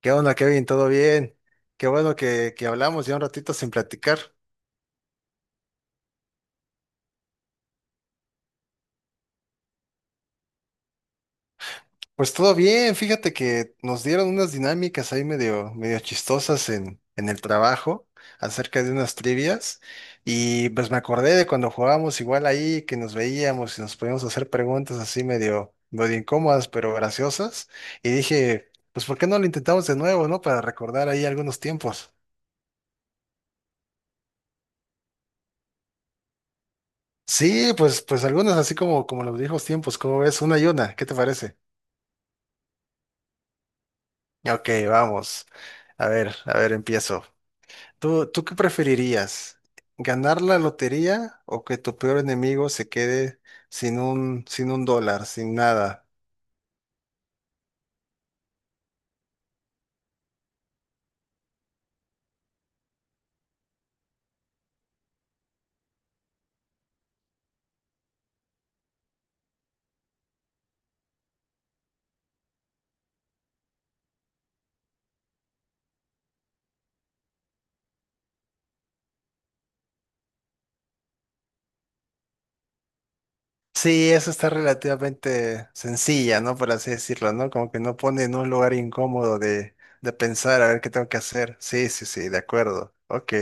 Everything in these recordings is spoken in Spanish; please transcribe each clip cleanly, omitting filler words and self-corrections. ¿Qué onda, Kevin? ¿Todo bien? Qué bueno que hablamos ya un ratito sin platicar. Pues todo bien, fíjate que nos dieron unas dinámicas ahí medio chistosas en el trabajo acerca de unas trivias y pues me acordé de cuando jugábamos igual ahí, que nos veíamos y nos podíamos hacer preguntas así medio incómodas pero graciosas y dije, pues ¿por qué no lo intentamos de nuevo, no? Para recordar ahí algunos tiempos. Sí, pues algunas así como los viejos tiempos, ¿cómo ves? Una y una, ¿qué te parece? Ok, vamos. A ver, empiezo. ¿Tú qué preferirías? ¿Ganar la lotería o que tu peor enemigo se quede sin un dólar, sin nada? Sí, eso está relativamente sencilla, ¿no? Por así decirlo, ¿no? Como que no pone en un lugar incómodo de pensar a ver qué tengo que hacer. Sí, sí, sí, de acuerdo. Ok.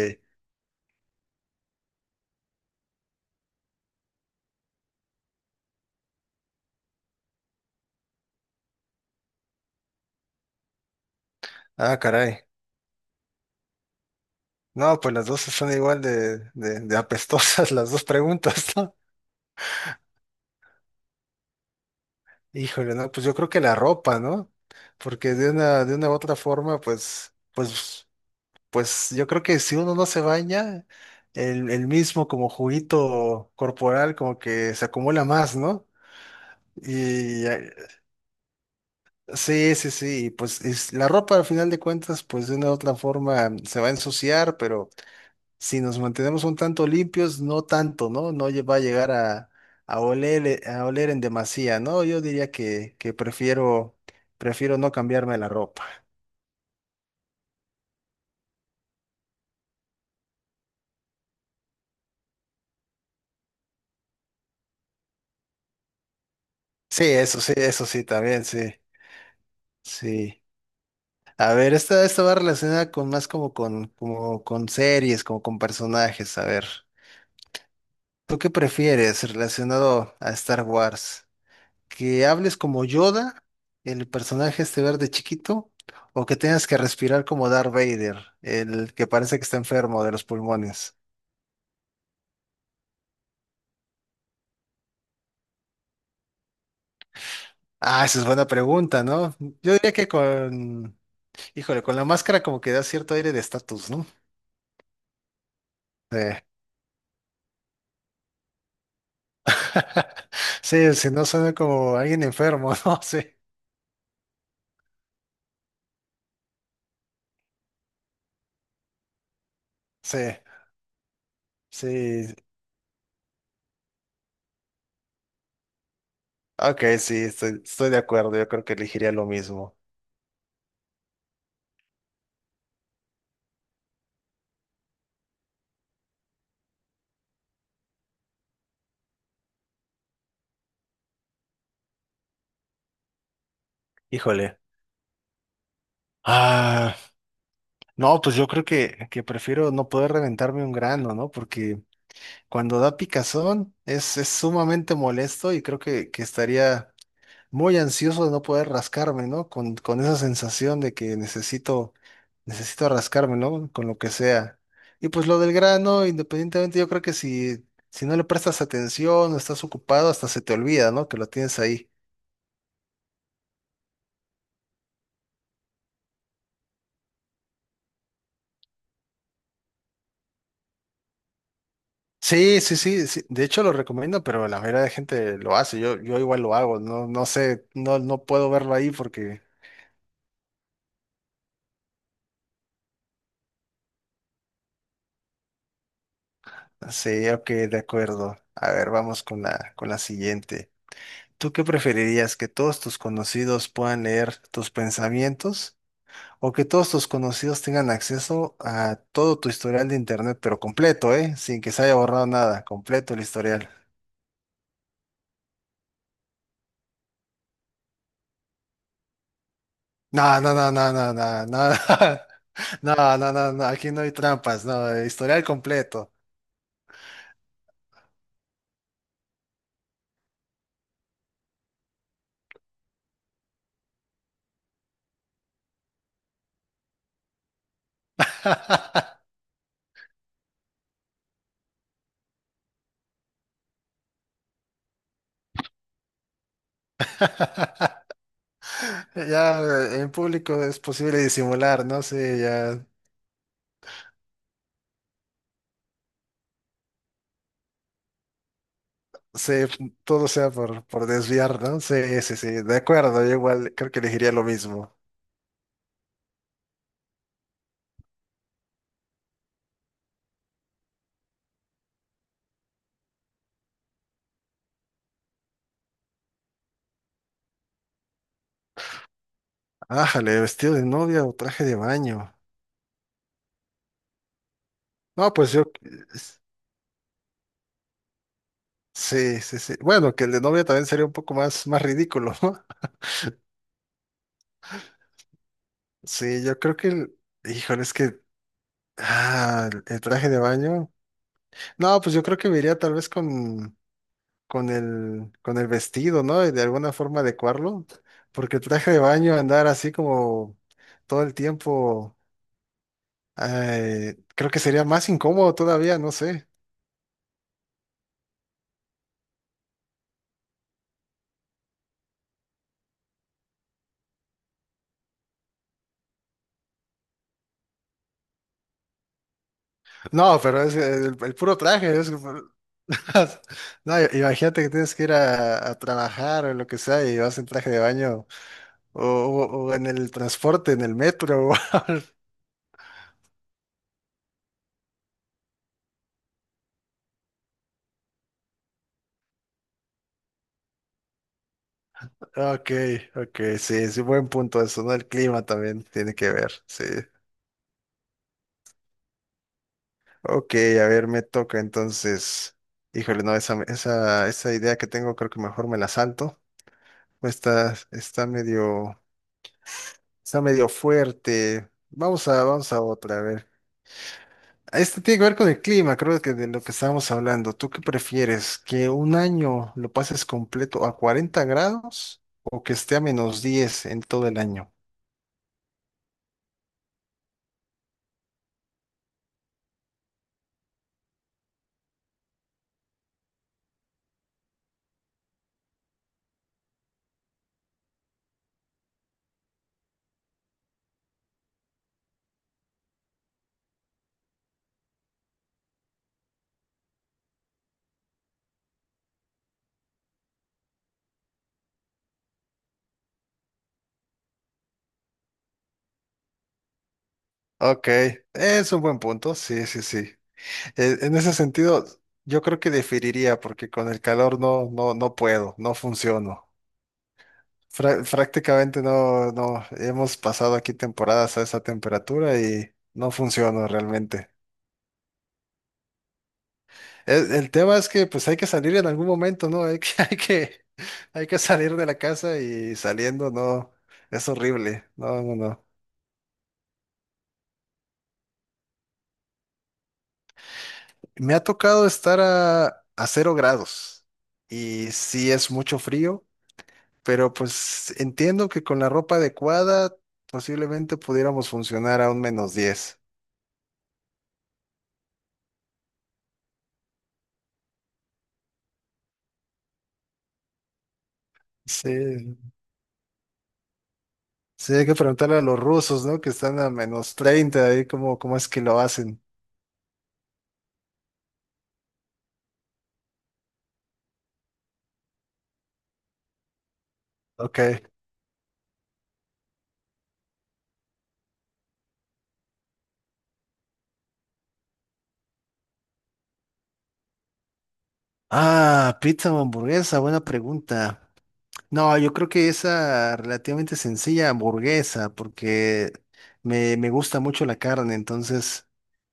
Ah, caray. No, pues las dos son igual de apestosas las dos preguntas, ¿no? Híjole, no, pues yo creo que la ropa, ¿no? Porque de una u otra forma, pues, pues, pues yo creo que si uno no se baña, el mismo como juguito corporal como que se acumula más, ¿no? Y sí, sí, sí, y pues es- la ropa al final de cuentas, pues de una u otra forma se va a ensuciar, pero si nos mantenemos un tanto limpios, no tanto, ¿no? No lle- va a llegar a oler en demasía, ¿no? Yo diría que prefiero, prefiero no cambiarme la ropa. Sí, eso sí, eso sí, también, sí, sí. A ver, esta va relacionada con más como con series, como con personajes. A ver, ¿tú qué prefieres relacionado a Star Wars? Que hables como Yoda, el personaje este verde chiquito, ¿o que tengas que respirar como Darth Vader, el que parece que está enfermo de los pulmones? Ah, esa es buena pregunta, ¿no? Yo diría que con, híjole, con la máscara como que da cierto aire de estatus, ¿no? Sí. Sí, si no suena como alguien enfermo, ¿no? Sí, sí, sí. Ok, sí, estoy, estoy de acuerdo. Yo creo que elegiría lo mismo. Híjole. Ah. No, pues yo creo que prefiero no poder reventarme un grano, ¿no? Porque cuando da picazón es sumamente molesto y creo que estaría muy ansioso de no poder rascarme, ¿no? Con esa sensación de que necesito, necesito rascarme, ¿no? Con lo que sea. Y pues lo del grano, independientemente, yo creo que si, si no le prestas atención o estás ocupado, hasta se te olvida, ¿no? Que lo tienes ahí. Sí, sí, sí, sí. De hecho lo recomiendo, pero la mayoría de gente lo hace. Yo igual lo hago. No, no sé, no, no puedo verlo ahí porque sí, ok, de acuerdo. A ver, vamos con la siguiente. ¿Tú qué preferirías? ¿Que todos tus conocidos puedan leer tus pensamientos? ¿O que todos tus conocidos tengan acceso a todo tu historial de internet, pero completo, eh? Sin que se haya borrado nada, completo el historial. No, no, no, no, no, no, no. No, no, no, no, aquí no hay trampas, no, historial completo. Ya en público es posible disimular, ¿no? Sí, ya sé, todo sea por desviar, ¿no? Sí, sí, sí, de acuerdo, yo igual creo que elegiría lo mismo. Ájale, vestido de novia o traje de baño. No, pues yo, sí, sí, sí. Bueno, que el de novia también sería un poco más, más ridículo, ¿no? Sí, yo creo que, el- híjole, es que, ah, el traje de baño. No, pues yo creo que me iría tal vez con el vestido, ¿no? Y de alguna forma adecuarlo, porque el traje de baño, andar así como todo el tiempo, creo que sería más incómodo todavía, no sé. No, pero es el puro traje, es... No, imagínate que tienes que ir a trabajar o lo que sea y vas en traje de baño o en el transporte, en el metro. Ok, ok, sí, sí, buen punto eso, ¿no? El clima también tiene que ver, sí. Ok, a ver, me toca entonces. Híjole, no, esa idea que tengo creo que mejor me la salto. Está, está medio fuerte. Vamos a, vamos a otra, a ver. Este tiene que ver con el clima, creo que de lo que estábamos hablando. ¿Tú qué prefieres? ¿Que un año lo pases completo a 40 grados o que esté a -10 en todo el año? Ok, es un buen punto, sí, sí, sí. En ese sentido, yo creo que diferiría, porque con el calor no, no, no puedo, no funciono. Fra- prácticamente no, no, hemos pasado aquí temporadas a esa temperatura y no funciono realmente. El tema es que pues hay que salir en algún momento, ¿no? Hay que, hay que salir de la casa y saliendo, no, es horrible. No, no, no. Me ha tocado estar a 0 grados y sí es mucho frío. Pero pues entiendo que con la ropa adecuada posiblemente pudiéramos funcionar a un -10. Sí, sí, hay que preguntarle a los rusos, ¿no? Que están a -30 ahí cómo, cómo es que lo hacen. Ok. Ah, pizza o hamburguesa, buena pregunta. No, yo creo que esa relativamente sencilla hamburguesa, porque me gusta mucho la carne, entonces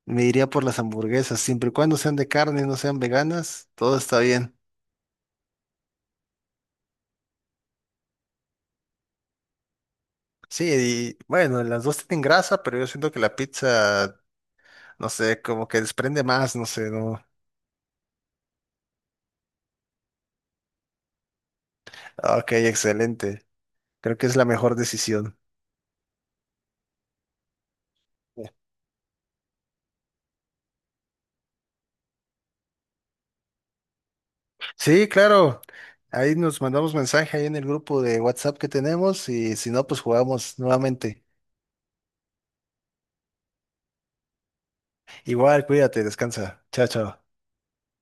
me iría por las hamburguesas, siempre y cuando sean de carne y no sean veganas, todo está bien. Sí, y bueno, las dos tienen grasa, pero yo siento que la pizza, no sé, como que desprende más, no sé, no. Ah, ok, excelente. Creo que es la mejor decisión. Sí, claro. Ahí nos mandamos mensaje ahí en el grupo de WhatsApp que tenemos y si no, pues jugamos nuevamente. Igual, cuídate, descansa. Chao, chao.